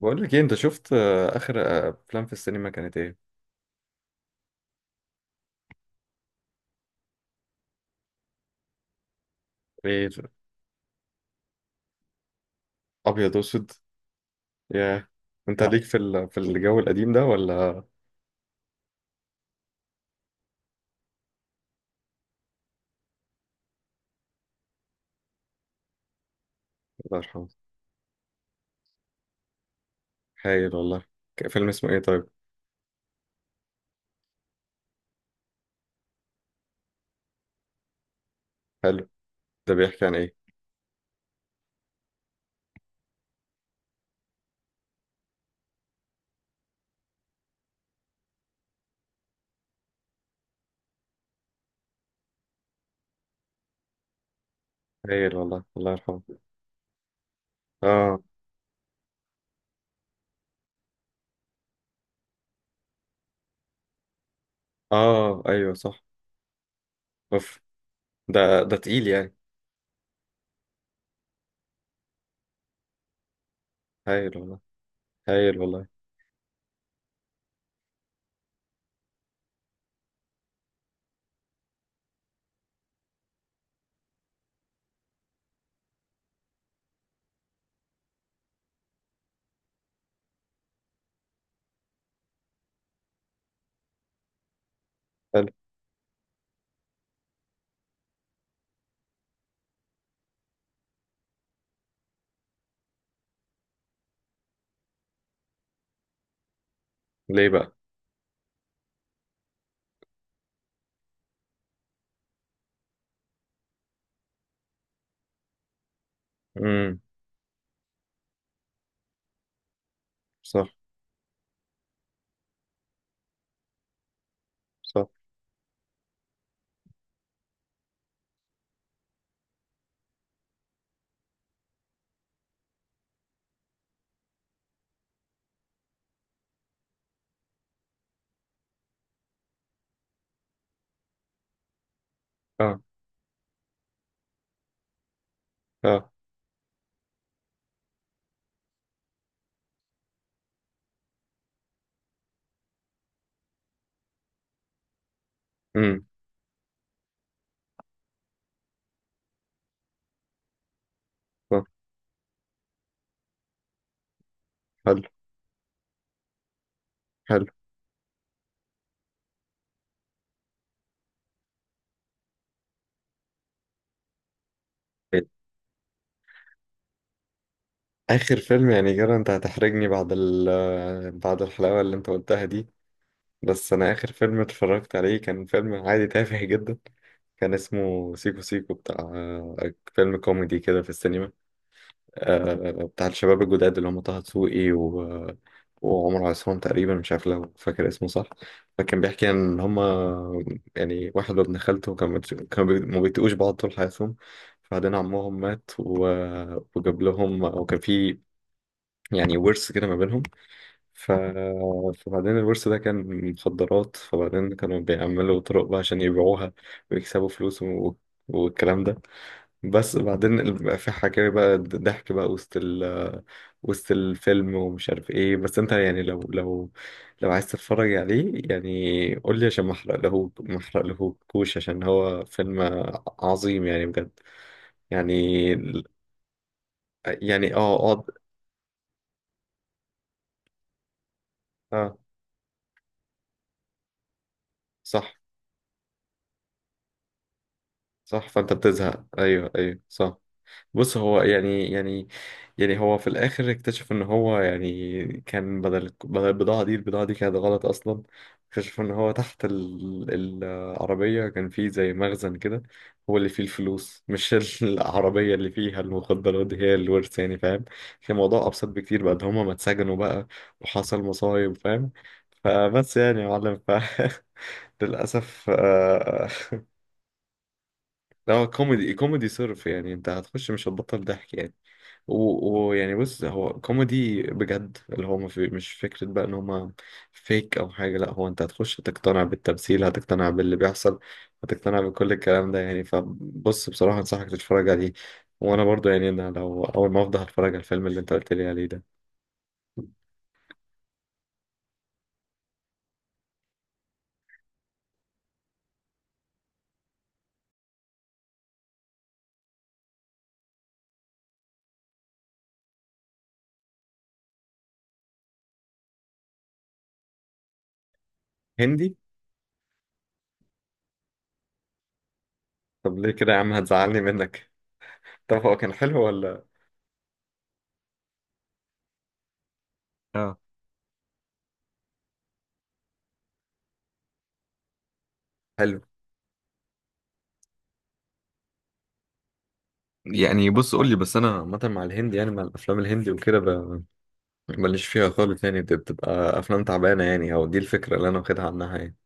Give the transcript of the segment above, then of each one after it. بقول لك ايه؟ انت شفت اخر افلام في السينما كانت ايه؟ ايه، ابيض واسود. يا انت لا ليك في الجو القديم ده ولا؟ الله يرحمه. هايل والله. فيلم اسمه ايه طيب؟ حلو، ده بيحكي عن ايه؟ هايل والله، الله يرحمه. اه. اه ايوه صح. اوف، ده تقيل يعني. هايل والله، هايل والله. حلو. ليه بقى؟ امم. صح. صح. اه. اه. امم. صح. حلو، حلو. آخر فيلم يعني كده؟ أنت هتحرجني بعد بعد الحلاوة اللي أنت قلتها دي. بس أنا آخر فيلم اتفرجت عليه كان فيلم عادي تافه جدا. كان اسمه سيكو سيكو، بتاع فيلم كوميدي كده في السينما. بتاع الشباب الجداد اللي هم طه دسوقي وعمر عصام تقريبا، مش عارف لو فاكر اسمه صح. فكان بيحكي إن هم يعني واحد وابن خالته كانوا بيت- كانوا بي- ما بيتقوش بعض طول حياتهم. بعدين عمهم مات وجاب لهم أو كان في يعني ورث كده ما بينهم. ف... فبعدين الورث ده كان مخدرات، فبعدين كانوا بيعملوا طرق بقى عشان يبيعوها ويكسبوا فلوس والكلام ده. بس بعدين بقى في حكاية بقى ضحك بقى وسط وسط الفيلم ومش عارف ايه، بس انت يعني لو عايز تتفرج عليه يعني قول لي، عشان ما احرق له، ما احرق له كوش، عشان هو فيلم عظيم يعني بجد يعني. يعني اه آه. صح. صح، فانت بتزهق. ايوه ايوه صح. بص هو يعني هو في الاخر اكتشف ان هو يعني كان بدل البضاعه دي، البضاعه دي كانت غلط اصلا. اكتشف ان هو تحت العربيه كان فيه زي مخزن كده، هو اللي فيه الفلوس مش العربيه اللي فيها المخدرات دي، هي الورث يعني، فاهم؟ كان الموضوع ابسط بكتير، بعد هما ما اتسجنوا بقى وحصل مصايب، فاهم؟ فبس يعني يا معلم ف للاسف هو كوميدي، كوميدي صرف يعني، انت هتخش مش هتبطل ضحك يعني. ويعني بص هو كوميدي بجد، اللي هو ما في- مش فكرة بقى ان هما فيك او حاجة. لا هو انت هتخش هتقتنع بالتمثيل، هتقتنع باللي بيحصل، هتقتنع بكل الكلام ده يعني. فبص بصراحة انصحك تتفرج عليه، وانا برضو يعني انا لو اول ما افضل هتفرج على الفيلم اللي انت قلت لي عليه ده. هندي؟ طب ليه كده يا عم، هتزعلني منك. طب هو كان حلو ولا؟ اه. حلو، يعني بص قول لي، بس انا عامه مع الهندي يعني، مع الافلام الهندي وكده ماليش فيها خالص يعني، دي بتبقى افلام تعبانه يعني، او دي الفكره اللي انا واخدها عنها يعني.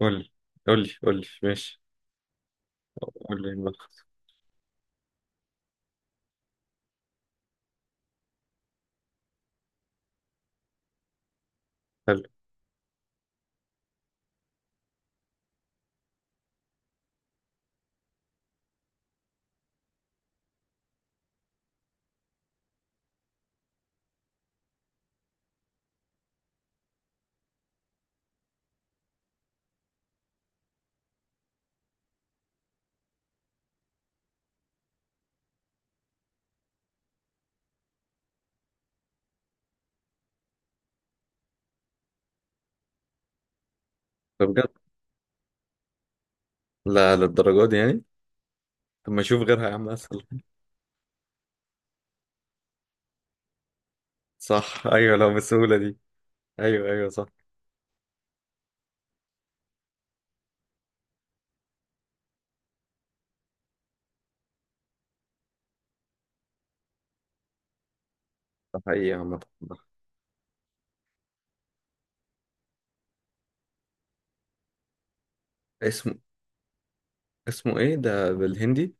قولي، قولي، قولي، ماشي قولي الملخص. حلو. طب بجد؟ لا للدرجه دي يعني؟ طب ما اشوف غيرها يا عم، اسهل. صح، ايوه لو بالسهوله دي. ايوه ايوه صح. ده حقيقي عامه. اسمه؟ اسمه ايه ده بالهندي؟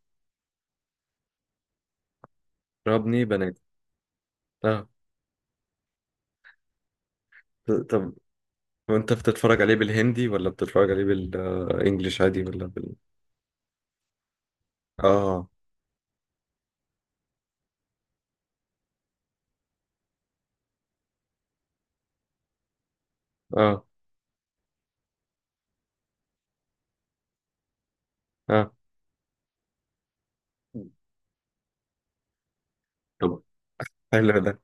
ربني بنات. اه. طب وانت بتتفرج عليه بالهندي ولا بتتفرج عليه بالانجلش عادي ولا بال؟ اه. اه. اه. طب. حلو ده.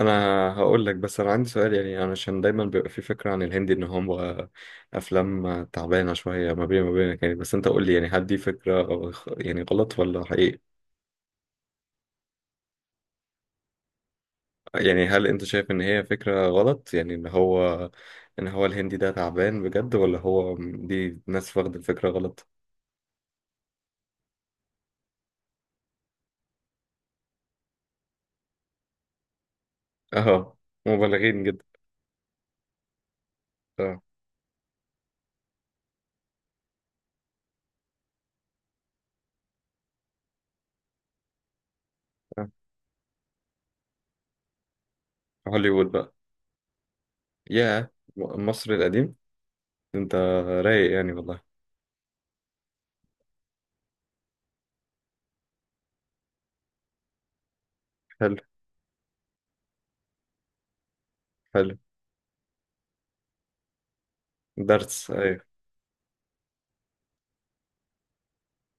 انا هقول لك، بس انا عندي سؤال يعني، انا عشان دايما بيبقى في فكره عن الهندي ان هو افلام تعبانه شويه ما بين ما بينك يعني، بس انت قول لي يعني هل دي فكره يعني غلط ولا حقيقي؟ يعني هل انت شايف ان هي فكره غلط يعني، ان هو ان هو الهندي ده تعبان بجد، ولا هو دي ناس واخده الفكره غلط؟ اه. مبالغين جدا. اه. آه. هوليوود بقى؟ يا مصر القديم، انت رايق يعني والله. حلو، حلو. درس، ايوه.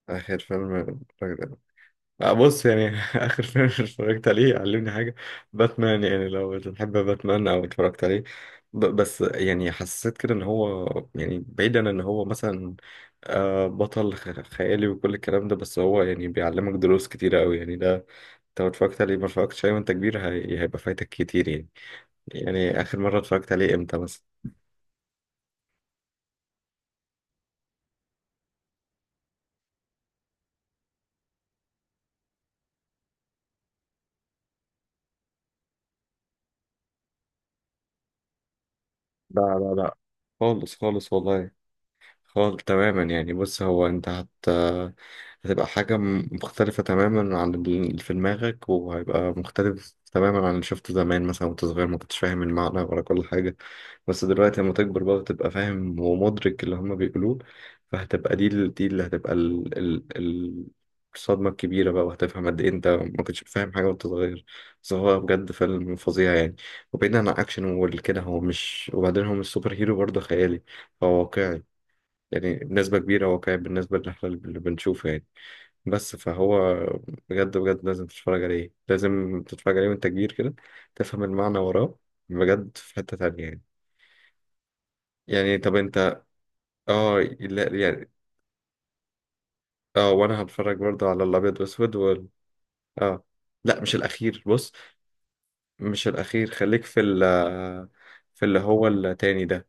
آخر فيلم؟ بص يعني اخر فيلم اتفرجت عليه علمني حاجه، باتمان، يعني لو بتحب باتمان او اتفرجت عليه. بس يعني حسيت كده ان هو يعني، بعيدا ان هو مثلا بطل خيالي وكل الكلام ده، بس هو يعني بيعلمك دروس كتيره قوي يعني. ده انت لو اتفرجت عليه، ما اتفرجتش عليه وانت كبير، هيبقى فايتك كتير يعني. يعني اخر مره اتفرجت عليه امتى مثلا؟ لا، خالص خالص والله، خالص تماما يعني. بص هو انت هتبقى حاجة مختلفة تماما عن اللي في دماغك، وهيبقى مختلف تماما عن اللي شفته زمان مثلا وانت صغير ما كنتش فاهم المعنى ولا كل حاجة. بس دلوقتي لما تكبر بقى وتبقى فاهم ومدرك اللي هما بيقولوه، فهتبقى دي دي اللي هتبقى الصدمة الكبيرة بقى، وهتفهم قد إيه أنت ما كنتش فاهم حاجة وأنت صغير. بس هو بجد فيلم فظيع يعني. وبعيدا عن أكشن وكده، هو مش، وبعدين هو مش سوبر هيرو برضه خيالي، هو واقعي يعني، بنسبة كبيرة واقعي بالنسبة للي اللي بنشوفه يعني. بس فهو بجد بجد لازم تتفرج عليه، لازم تتفرج عليه وانت كبير كده تفهم المعنى وراه. بجد في حتة تانية يعني. يعني طب انت. اه لا يعني. اه وانا هتفرج برضه على الابيض واسود اه. لا مش الاخير بص، مش الاخير، خليك في ال في اللي هو التاني ده،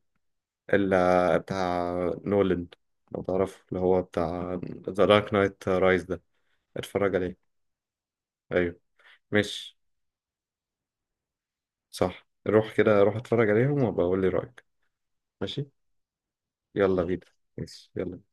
اللي بتاع نولان، لو تعرف اللي هو بتاع ذا دارك نايت رايز ده، اتفرج عليه. ايوه. ماشي. صح، روح كده روح اتفرج عليهم وبقول لي رأيك. ماشي يلا بينا. ماشي يلا.